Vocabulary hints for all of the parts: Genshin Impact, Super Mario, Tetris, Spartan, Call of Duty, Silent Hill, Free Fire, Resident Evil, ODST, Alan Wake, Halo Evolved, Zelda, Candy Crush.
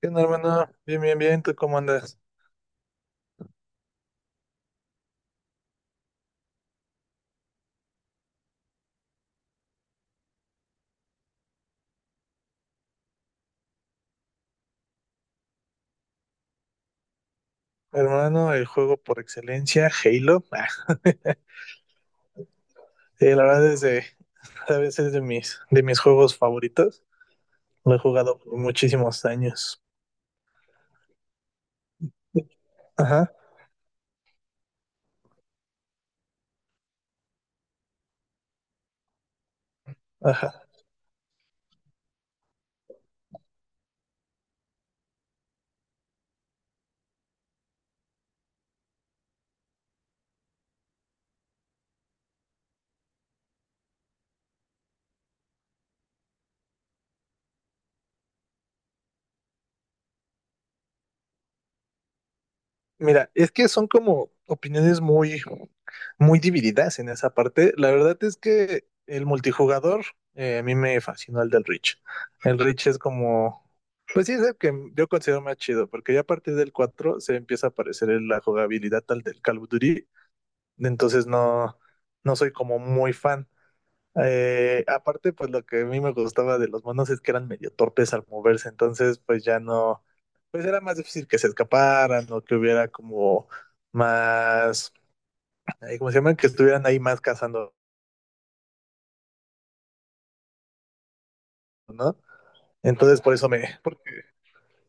¿Qué onda, hermano? Bien, bien, bien. ¿Tú cómo andas? Hermano, el juego por excelencia, Halo. Sí, la verdad es de, a veces de mis juegos favoritos. Lo he jugado por muchísimos años. Ajá, ajá. Mira, es que son como opiniones muy divididas en esa parte. La verdad es que el multijugador, a mí me fascinó el del Reach. El Reach es como, pues sí, es el que yo considero más chido, porque ya a partir del 4 se empieza a parecer la jugabilidad tal del Call of Duty, entonces no, no soy como muy fan. Aparte, pues lo que a mí me gustaba de los monos es que eran medio torpes al moverse, entonces pues ya no, pues era más difícil que se escaparan o que hubiera como más, ¿cómo se llama? Que estuvieran ahí más cazando, ¿no? Entonces por eso porque,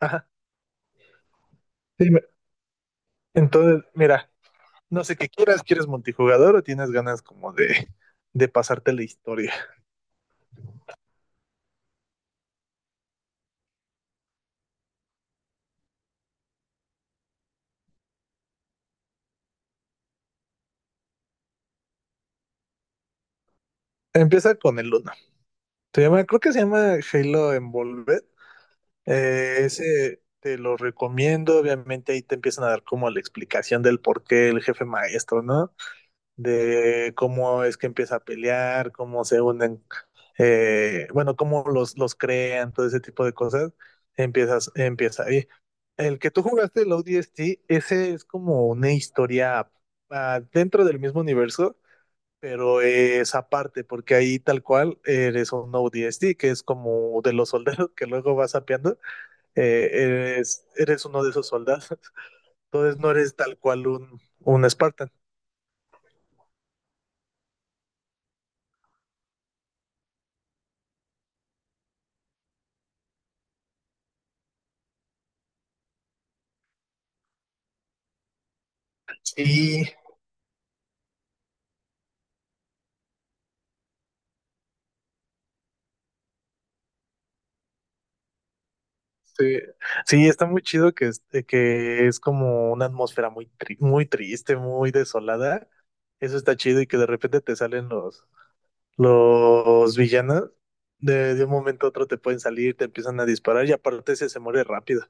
ajá, sí, me- entonces, mira, no sé qué quieras, ¿quieres multijugador o tienes ganas como de pasarte la historia? Empieza con el uno. Se llama, creo que se llama Halo Envolved. Ese te lo recomiendo, obviamente ahí te empiezan a dar como la explicación del por qué el jefe maestro, ¿no? De cómo es que empieza a pelear, cómo se unen, bueno, cómo los crean, todo ese tipo de cosas, empieza ahí. El que tú jugaste, el ODST, ese es como una historia dentro del mismo universo, pero es aparte, porque ahí tal cual eres un ODST, que es como de los soldados que luego vas sapeando, eres uno de esos soldados. Entonces no eres tal cual un Spartan. Sí, sí, sí, está muy chido que es como una atmósfera muy triste, muy desolada. Eso está chido y que de repente te salen los villanos. De un momento a otro te pueden salir, te empiezan a disparar y aparte ese se muere rápido.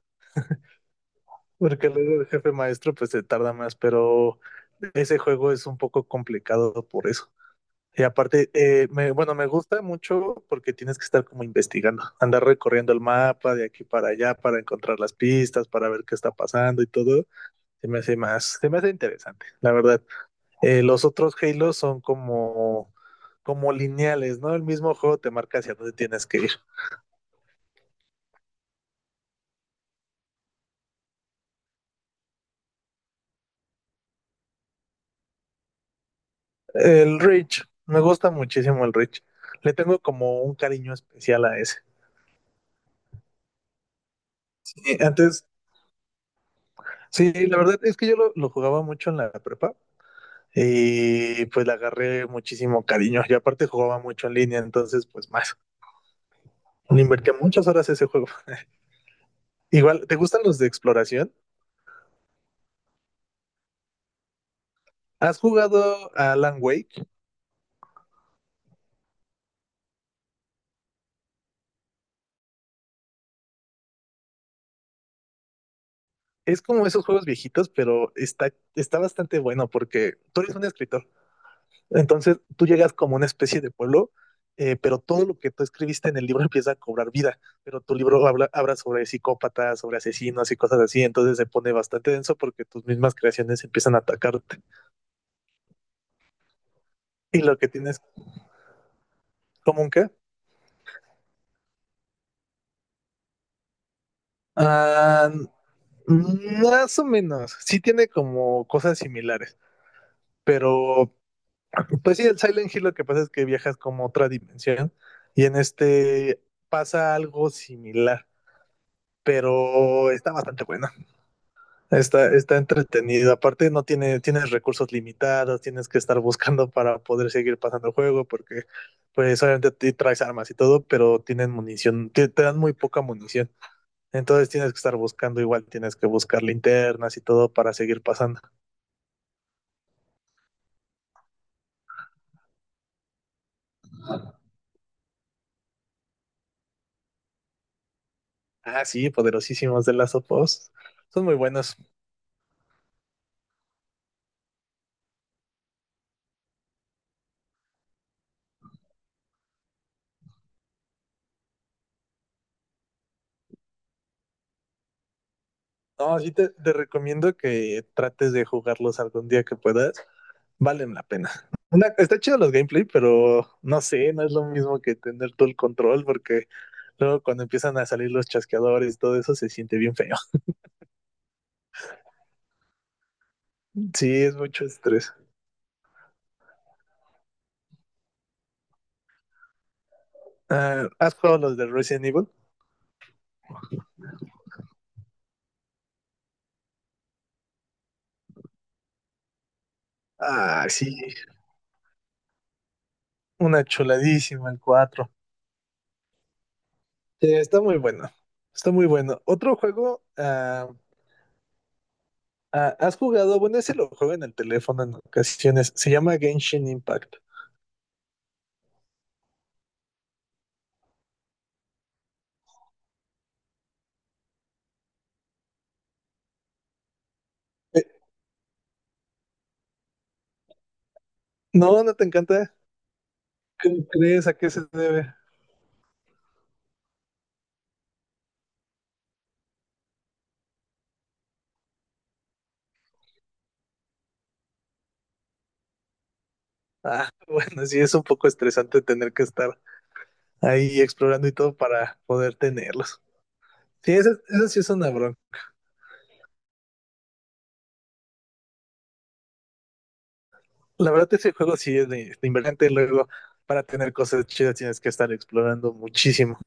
Porque luego el jefe maestro pues se tarda más, pero ese juego es un poco complicado por eso. Y aparte, bueno, me gusta mucho porque tienes que estar como investigando, andar recorriendo el mapa de aquí para allá para encontrar las pistas, para ver qué está pasando y todo. Se me hace interesante, la verdad. Los otros Halo son como, como lineales, ¿no? El mismo juego te marca hacia dónde tienes que ir. El Reach, me gusta muchísimo el Reach. Le tengo como un cariño especial a ese. Antes, sí, la verdad es que yo lo jugaba mucho en la prepa y pues le agarré muchísimo cariño. Y aparte jugaba mucho en línea, entonces pues más. Le invertí muchas horas a ese juego. Igual, ¿te gustan los de exploración? ¿Has jugado a Alan Wake? Es como esos juegos viejitos, pero está bastante bueno porque tú eres un escritor. Entonces tú llegas como una especie de pueblo, pero todo lo que tú escribiste en el libro empieza a cobrar vida. Pero tu libro habla sobre psicópatas, sobre asesinos y cosas así. Entonces se pone bastante denso porque tus mismas creaciones empiezan a atacarte. Y lo que tienes ¿Cómo un qué? Ah, más o menos. Sí tiene como cosas similares. Pero, pues sí, el Silent Hill lo que pasa es que viajas como a otra dimensión. Y en este pasa algo similar. Pero está bastante buena. Está entretenido. Aparte, no tiene, tienes recursos limitados, tienes que estar buscando para poder seguir pasando el juego, porque pues obviamente te traes armas y todo, pero tienen munición, te dan muy poca munición. Entonces tienes que estar buscando, igual tienes que buscar linternas y todo para seguir pasando. Ah, sí, poderosísimos de las opos. Son muy buenos. No, sí te recomiendo que trates de jugarlos algún día que puedas. Valen la pena. Una, está chido los gameplay, pero no sé, no es lo mismo que tener todo el control porque luego cuando empiezan a salir los chasqueadores y todo eso se siente bien feo. Sí, es mucho estrés. Ah, ¿has jugado los de Resident Evil? Ah, sí, una chuladísima el 4. Está muy bueno, está muy bueno. Otro juego, ¿has jugado? Bueno, ese lo juego en el teléfono en ocasiones. Se llama Genshin Impact. Eh, no, no te encanta. ¿Cómo crees? ¿A qué se debe? Ah, bueno, sí, es un poco estresante tener que estar ahí explorando y todo para poder tenerlos. Sí, eso sí es una bronca. La verdad, ese juego sí es de invergente. Luego, para tener cosas chidas tienes que estar explorando muchísimo.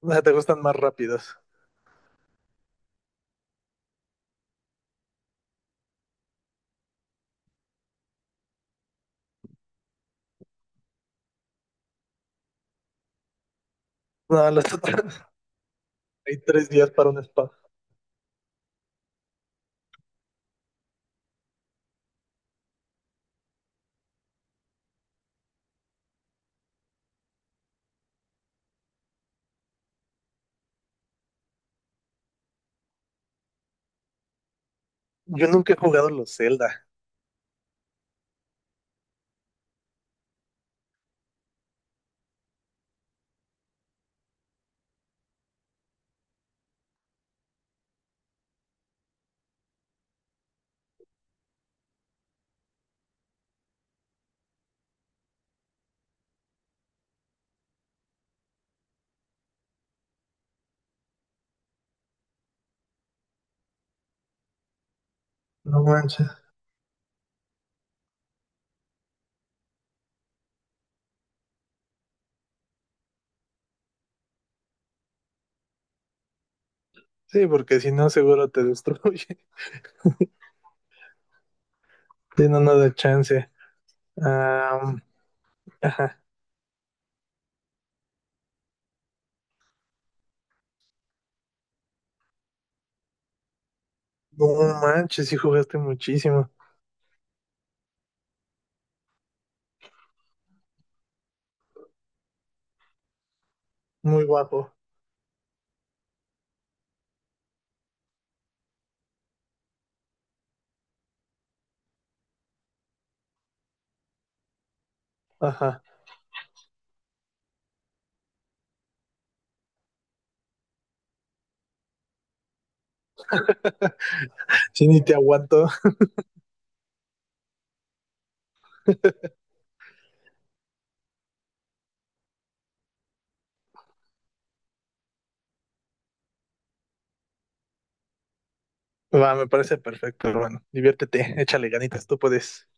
O sea, te gustan más rápidos. No, los otros hay tres días para un spa. Yo nunca he jugado los Zelda. No manches. Sí, porque si no, seguro te destruye. Tiene nada de chance. Am, ajá. No manches, sí jugaste muchísimo. Muy guapo. Ajá. Sí, ni te aguanto. Va, me parece perfecto, hermano. Diviértete, échale ganitas, tú puedes.